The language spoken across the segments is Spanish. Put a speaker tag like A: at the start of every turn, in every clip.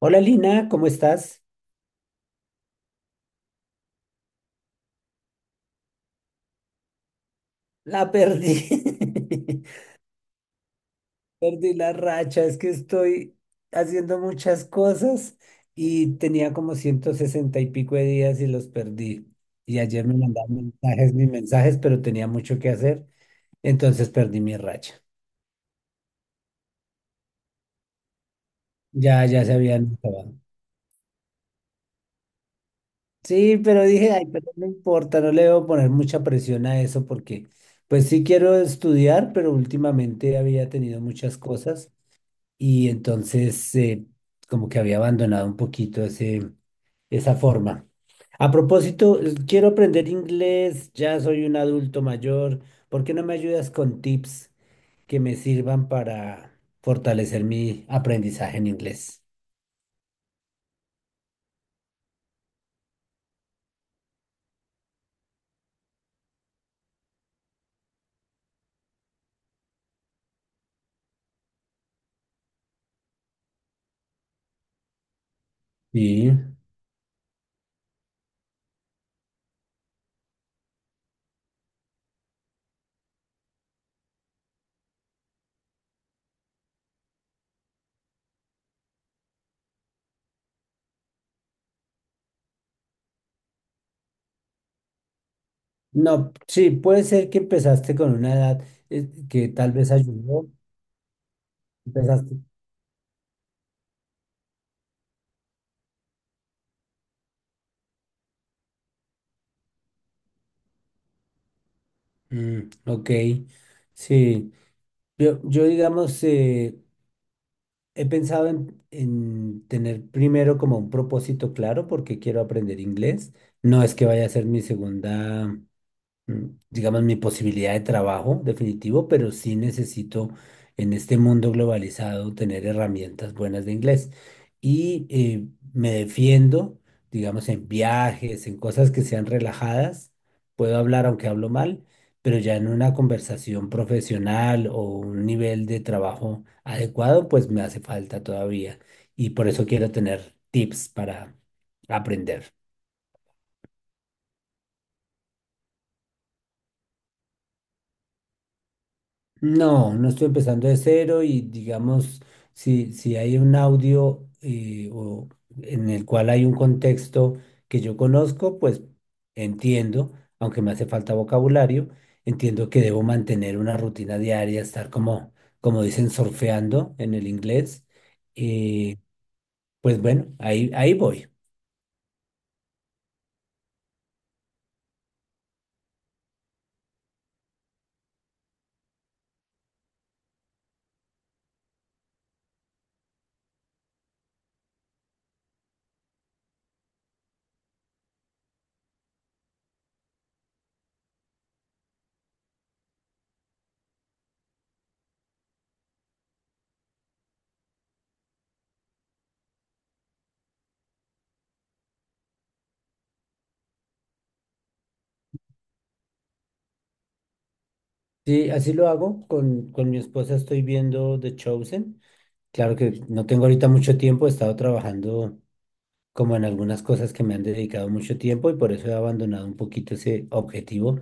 A: Hola Lina, ¿cómo estás? La perdí. Perdí la racha, es que estoy haciendo muchas cosas y tenía como 160 y pico de días y los perdí. Y ayer me mandaban mensajes, mis mensajes, pero tenía mucho que hacer, entonces perdí mi racha. Ya, ya se habían acabado. Sí, pero dije, ay, pero no importa, no le debo poner mucha presión a eso porque pues sí quiero estudiar, pero últimamente había tenido muchas cosas y entonces como que había abandonado un poquito ese, esa forma. A propósito, quiero aprender inglés, ya soy un adulto mayor, ¿por qué no me ayudas con tips que me sirvan para fortalecer mi aprendizaje en inglés? Sí. No, sí, puede ser que empezaste con una edad que tal vez ayudó, empezaste. Mm, ok, sí. Yo digamos, he pensado en tener primero como un propósito claro porque quiero aprender inglés. No es que vaya a ser mi segunda mm, digamos, mi posibilidad de trabajo definitivo, pero sí necesito en este mundo globalizado tener herramientas buenas de inglés. Y me defiendo, digamos, en viajes, en cosas que sean relajadas. Puedo hablar aunque hablo mal, pero ya en una conversación profesional o un nivel de trabajo adecuado, pues me hace falta todavía. Y por eso quiero tener tips para aprender. No, no estoy empezando de cero y digamos, si hay un audio o en el cual hay un contexto que yo conozco, pues entiendo, aunque me hace falta vocabulario, entiendo que debo mantener una rutina diaria, estar como, como dicen, surfeando en el inglés. Y pues bueno, ahí voy. Sí, así lo hago. Con mi esposa estoy viendo The Chosen. Claro que no tengo ahorita mucho tiempo, he estado trabajando como en algunas cosas que me han dedicado mucho tiempo y por eso he abandonado un poquito ese objetivo,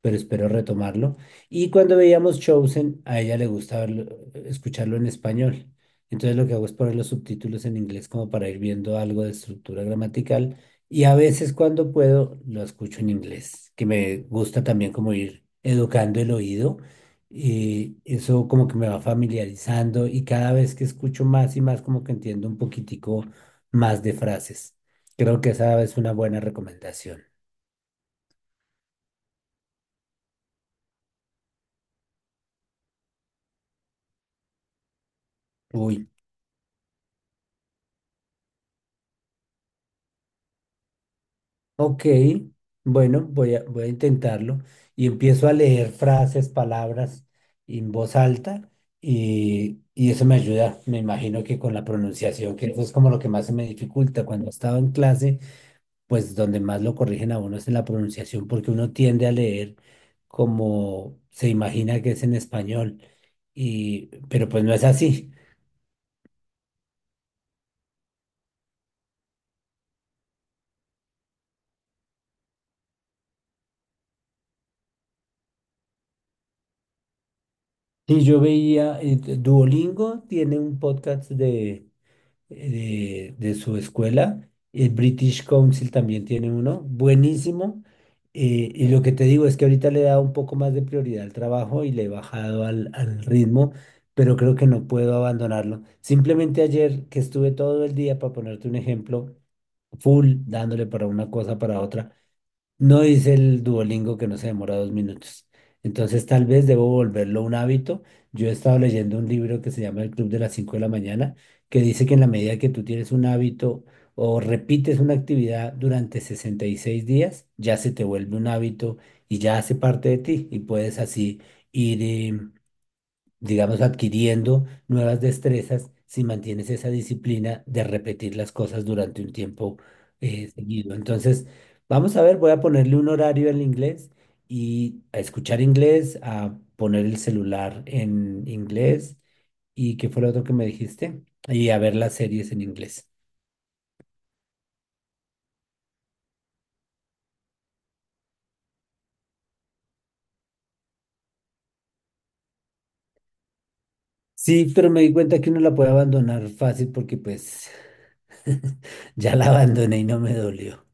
A: pero espero retomarlo. Y cuando veíamos Chosen, a ella le gusta escucharlo en español. Entonces lo que hago es poner los subtítulos en inglés como para ir viendo algo de estructura gramatical y a veces cuando puedo lo escucho en inglés, que me gusta también como ir educando el oído. Y eso como que me va familiarizando y cada vez que escucho más y más como que entiendo un poquitico más de frases. Creo que esa es una buena recomendación. Uy, ok, bueno, voy a intentarlo y empiezo a leer frases, palabras en voz alta y eso me ayuda, me imagino que con la pronunciación, que eso es como lo que más se me dificulta cuando estaba en clase, pues donde más lo corrigen a uno es en la pronunciación porque uno tiende a leer como se imagina que es en español y pero pues no es así. Sí, yo veía, Duolingo tiene un podcast de su escuela, el British Council también tiene uno, buenísimo. Y lo que te digo es que ahorita le he dado un poco más de prioridad al trabajo y le he bajado al ritmo, pero creo que no puedo abandonarlo. Simplemente ayer que estuve todo el día, para ponerte un ejemplo, full, dándole para una cosa, para otra. No dice el Duolingo que no se demora 2 minutos. Entonces tal vez debo volverlo un hábito. Yo he estado leyendo un libro que se llama El Club de las Cinco de la Mañana, que dice que en la medida que tú tienes un hábito o repites una actividad durante 66 días, ya se te vuelve un hábito y ya hace parte de ti y puedes así ir digamos, adquiriendo nuevas destrezas si mantienes esa disciplina de repetir las cosas durante un tiempo seguido. Entonces, vamos a ver, voy a ponerle un horario al inglés y a escuchar inglés, a poner el celular en inglés y qué fue lo otro que me dijiste, y a ver las series en inglés. Sí, pero me di cuenta que uno la puede abandonar fácil porque pues ya la abandoné y no me dolió.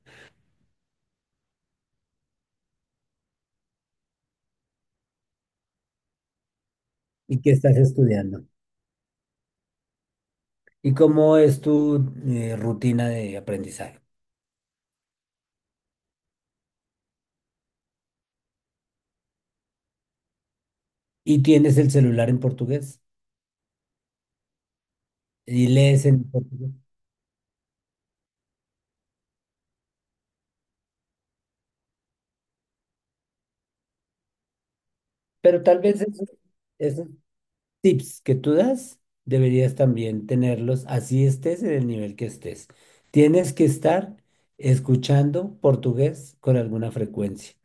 A: ¿Y qué estás estudiando? ¿Y cómo es tu rutina de aprendizaje? Y tienes el celular en portugués y lees en portugués. Pero tal vez esos tips que tú das deberías también tenerlos así estés en el nivel que estés. Tienes que estar escuchando portugués con alguna frecuencia.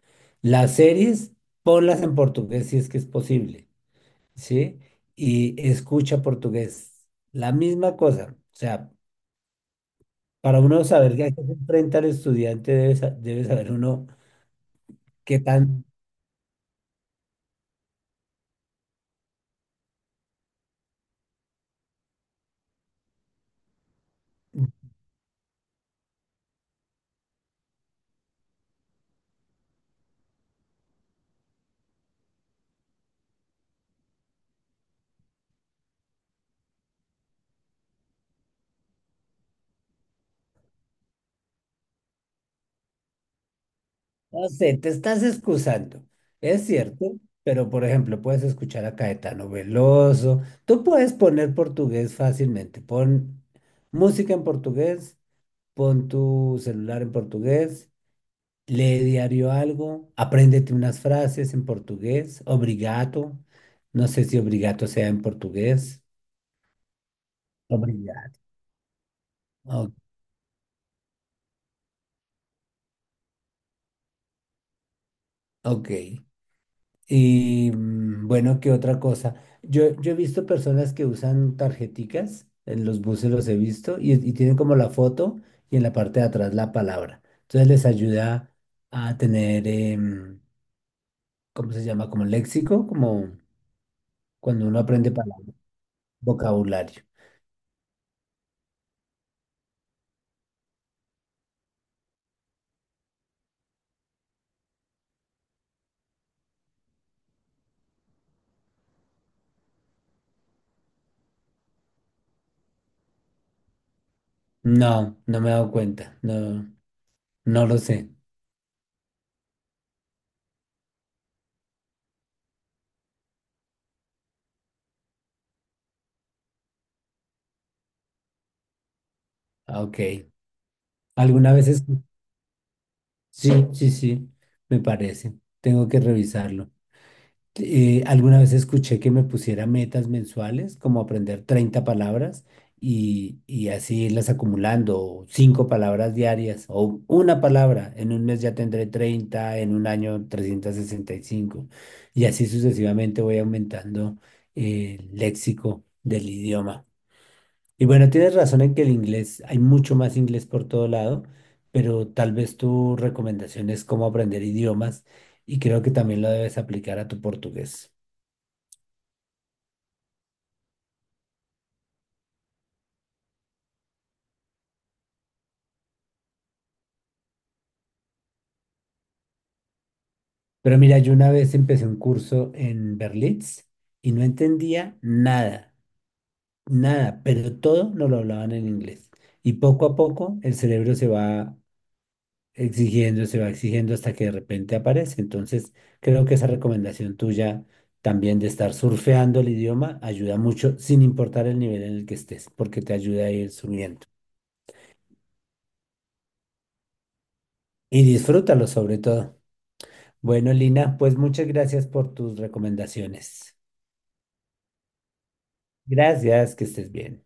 A: Las series, ponlas en portugués si es que es posible, ¿sí? Y escucha portugués. La misma cosa. O sea, para uno saber a qué se enfrenta el estudiante, debe saber uno qué tan... No sé, te estás excusando. Es cierto, pero por ejemplo, puedes escuchar a Caetano Veloso. Tú puedes poner portugués fácilmente. Pon música en portugués, pon tu celular en portugués, lee diario algo, apréndete unas frases en portugués. Obrigado. No sé si obrigado sea en portugués. Obrigado. O- ok. Y bueno, ¿qué otra cosa? Yo he visto personas que usan tarjeticas, en los buses los he visto, y tienen como la foto y en la parte de atrás la palabra. Entonces les ayuda a tener, ¿cómo se llama? Como léxico, como cuando uno aprende palabras, vocabulario. No, no me he dado cuenta, no, no lo sé. Ah, ok. Algunas veces, sí, sí, sí, me parece. Tengo que revisarlo. Alguna vez escuché que me pusiera metas mensuales, como aprender 30 palabras y así irlas acumulando, o cinco palabras diarias o una palabra. En un mes ya tendré 30, en un año 365 y cinco y así sucesivamente voy aumentando el léxico del idioma. Y bueno, tienes razón en que el inglés, hay mucho más inglés por todo lado, pero tal vez tu recomendación es cómo aprender idiomas y creo que también lo debes aplicar a tu portugués. Pero mira, yo una vez empecé un curso en Berlitz y no entendía nada, nada, pero todo nos lo hablaban en inglés. Y poco a poco el cerebro se va exigiendo hasta que de repente aparece. Entonces, creo que esa recomendación tuya también de estar surfeando el idioma ayuda mucho, sin importar el nivel en el que estés, porque te ayuda a ir subiendo. Y disfrútalo sobre todo. Bueno, Lina, pues muchas gracias por tus recomendaciones. Gracias, que estés bien.